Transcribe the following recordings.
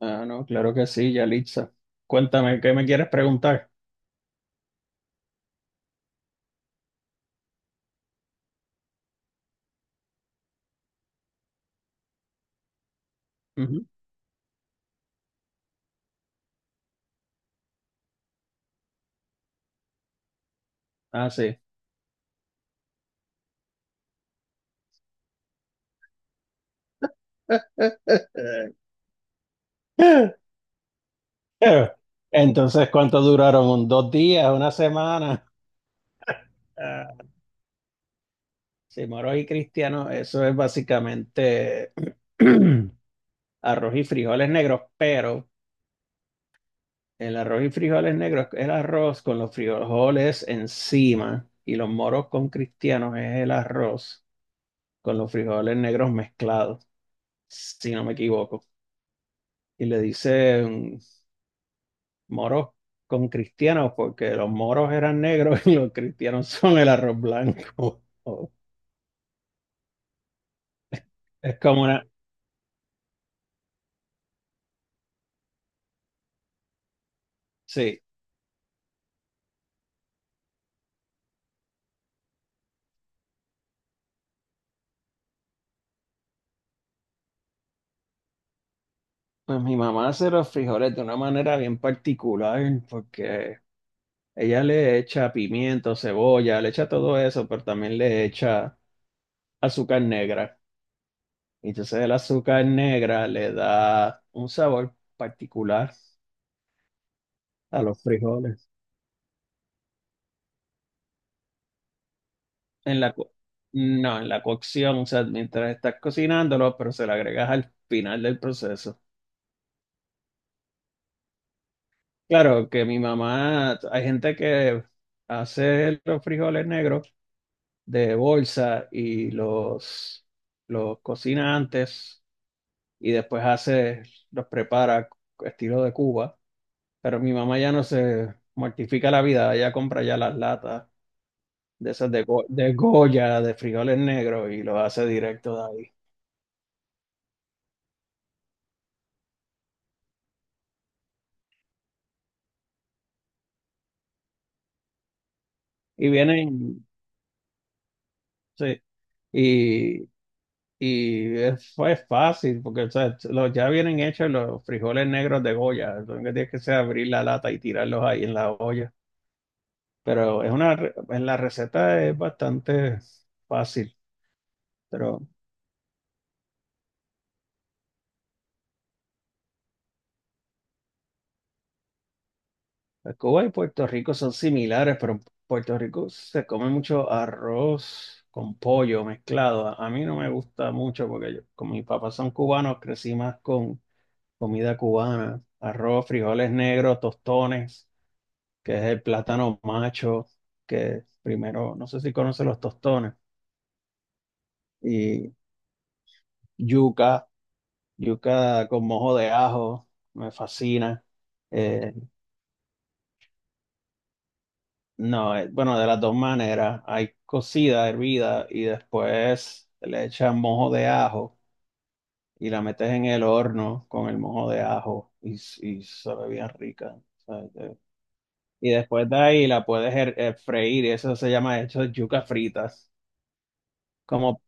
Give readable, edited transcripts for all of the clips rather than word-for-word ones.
Ah, no, claro que sí, Yalitza. Cuéntame, ¿qué me quieres preguntar? Ujú. Ah, sí. Entonces, ¿cuánto duraron? ¿Dos días? ¿Una semana? Ah, sí, moros y cristianos, eso es básicamente arroz y frijoles negros, pero el arroz y frijoles negros es el arroz con los frijoles encima y los moros con cristianos es el arroz con los frijoles negros mezclados, si no me equivoco. Y le dicen moros con cristianos porque los moros eran negros y los cristianos son el arroz blanco. Es como una. Sí, pues mi mamá hace los frijoles de una manera bien particular porque ella le echa pimiento, cebolla, le echa todo eso, pero también le echa azúcar negra. Y entonces el azúcar negra le da un sabor particular a los frijoles. En la, co- no, en la cocción, o sea, mientras estás cocinándolo, pero se lo agregas al final del proceso. Claro que mi mamá, hay gente que hace los frijoles negros de bolsa y los cocina antes y después los prepara estilo de Cuba, pero mi mamá ya no se mortifica la vida, ella compra ya las latas de esas de, de Goya, de frijoles negros y los hace directo de ahí. Y vienen. Sí, Y, y fue fácil, porque o sea, ya vienen hechos los frijoles negros de Goya. Lo único que tienes que hacer es abrir la lata y tirarlos ahí en la olla. Pero en la receta es bastante fácil. Pero Cuba y Puerto Rico son similares, pero en Puerto Rico se come mucho arroz con pollo mezclado. A mí no me gusta mucho porque yo, como mis papás son cubanos, crecí más con comida cubana, arroz, frijoles negros, tostones. Que es el plátano macho, que primero, no sé si conoce los tostones, y yuca, yuca con mojo de ajo, me fascina. Eh, no, bueno, de las dos maneras, hay cocida, hervida, y después le echan mojo de ajo y la metes en el horno con el mojo de ajo y sabe bien rica. ¿Sabes? Y después de ahí la puedes freír, y eso se llama, hecho, yuca fritas. Como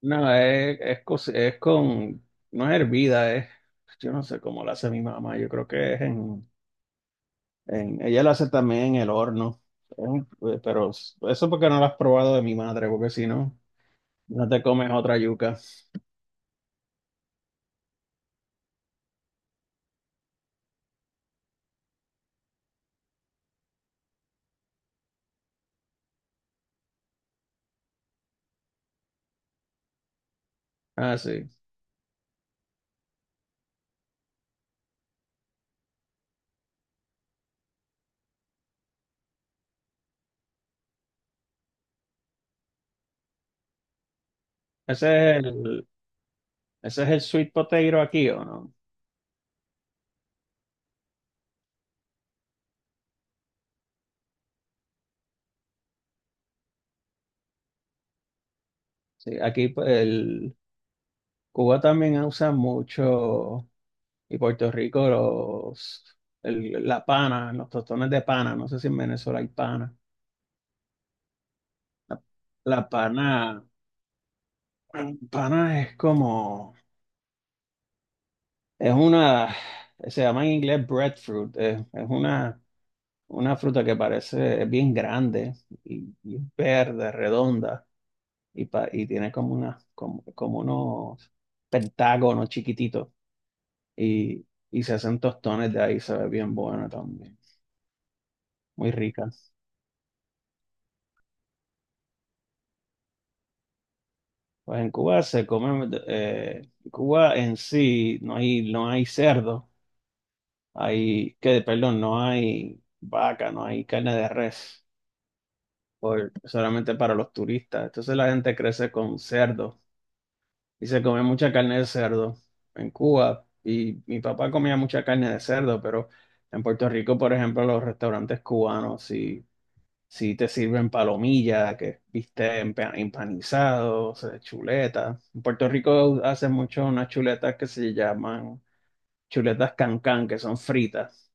No, es con, no es hervida, yo no sé cómo la hace mi mamá, yo creo que es en ella la hace también en el horno, Es un- pero eso porque no la has probado de mi madre, porque si no, no te comes otra yuca. Ah, sí. Ese es el, ese es el sweet potato aquí, ¿o no? Sí, aquí pues, el Cuba también usa mucho, y Puerto Rico la pana, los tostones de pana, no sé si en Venezuela hay pana. La, la pana es como, es una, se llama en inglés breadfruit, es una fruta que es bien grande y es verde, redonda y tiene como unos pentágonos chiquititos y, y se hacen tostones de ahí, se ve bien buena también, muy rica. Pues en Cuba Cuba en sí no hay cerdo. Que perdón, no hay vaca, no hay carne de res, solamente para los turistas. Entonces la gente crece con cerdo y se come mucha carne de cerdo en Cuba. Y mi papá comía mucha carne de cerdo, pero en Puerto Rico, por ejemplo, los restaurantes cubanos sí, sí te sirven palomilla, que viste empanizados, chuletas. En Puerto Rico hacen mucho unas chuletas que se llaman chuletas cancán, que son fritas.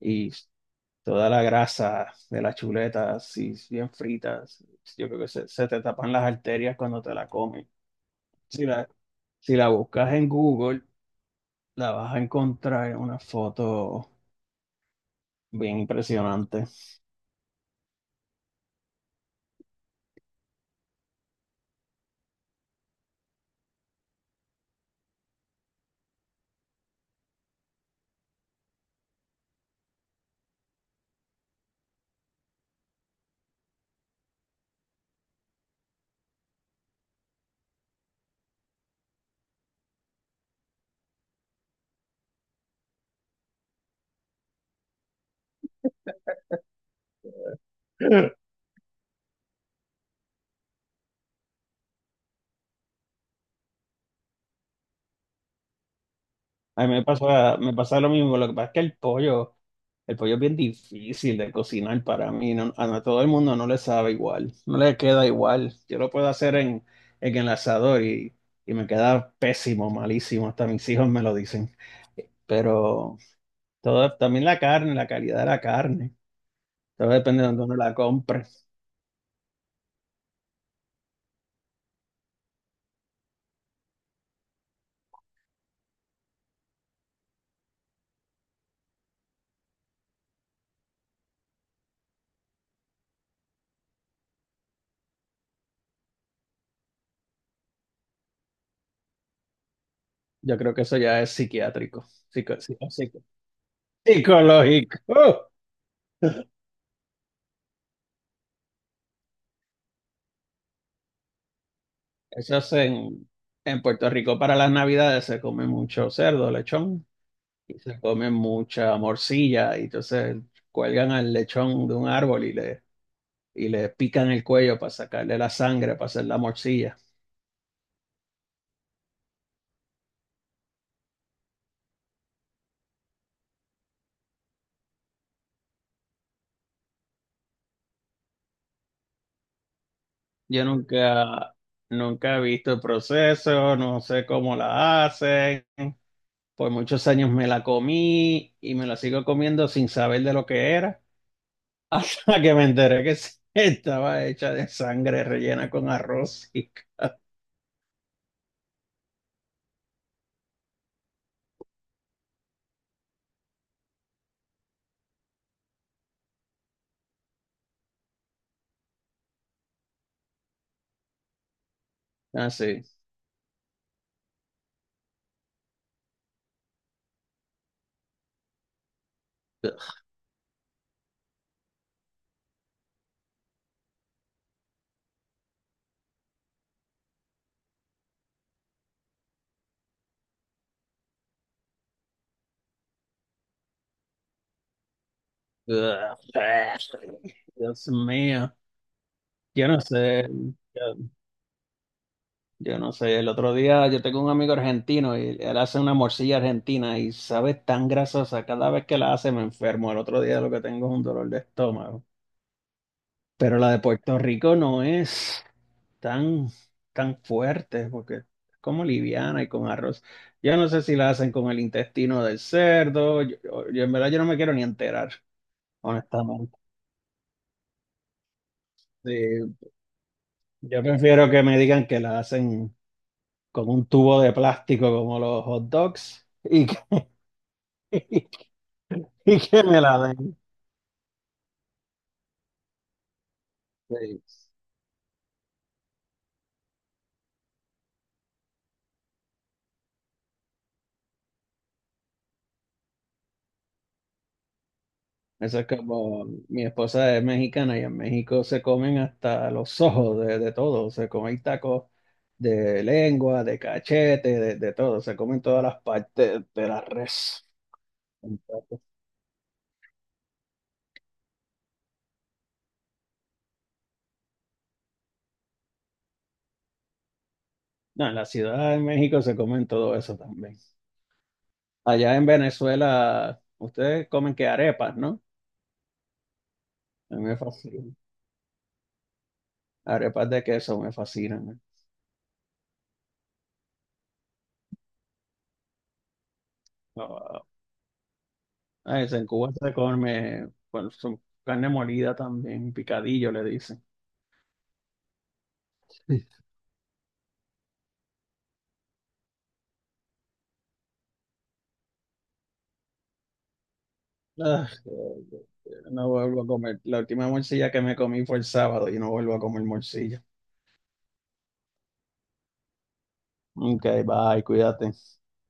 Y toda la grasa de las chuletas, si bien fritas, yo creo que se te tapan las arterias cuando te la comes. Si la, si la buscas en Google, la vas a encontrar en una foto bien impresionante. A mí me pasa lo mismo, lo que pasa es que el pollo. El pollo es bien difícil de cocinar para mí, a todo el mundo no le sabe igual, no le queda igual. Yo lo puedo hacer en el asador y me queda pésimo, malísimo, hasta mis hijos me lo dicen. Pero todo, también la carne, la calidad de la carne, todo depende de dónde uno la compre. Yo creo que eso ya es psiquiátrico, psico- psico- psico- psicológico. ¡Uh! Eso es en Puerto Rico para las Navidades se come mucho cerdo, lechón. Y se comen mucha morcilla y entonces cuelgan al lechón de un árbol y le pican el cuello para sacarle la sangre, para hacer la morcilla. Yo nunca, nunca he visto el proceso, no sé cómo la hacen. Por muchos años me la comí y me la sigo comiendo sin saber de lo que era, hasta que me enteré que sí, estaba hecha de sangre rellena con arroz y así. Dios mío. Yo no sé, yo, yo no sé. El otro día yo tengo un amigo argentino y él hace una morcilla argentina y sabe tan grasosa. Cada vez que la hace me enfermo. El otro día lo que tengo es un dolor de estómago. Pero la de Puerto Rico no es tan, tan fuerte porque es como liviana y con arroz. Yo no sé si la hacen con el intestino del cerdo. Yo en verdad yo no me quiero ni enterar, honestamente. Sí, yo prefiero que me digan que la hacen con un tubo de plástico como los hot dogs y que me la den. Sí. Eso es como mi esposa es mexicana y en México se comen hasta los ojos de todo, se comen tacos de lengua, de cachete, de todo, se comen todas las partes de la res. Entonces, no, en la Ciudad de México se comen todo eso también. Allá en Venezuela, ustedes comen que arepas, ¿no? A mí me fascinan. Arepas de queso me fascinan. Ah, ese en Cuba se come, bueno, su carne molida también, picadillo le dicen. Ah, sí, no vuelvo a comer. La última morcilla que me comí fue el sábado y no vuelvo a comer morcilla. Ok, bye, cuídate.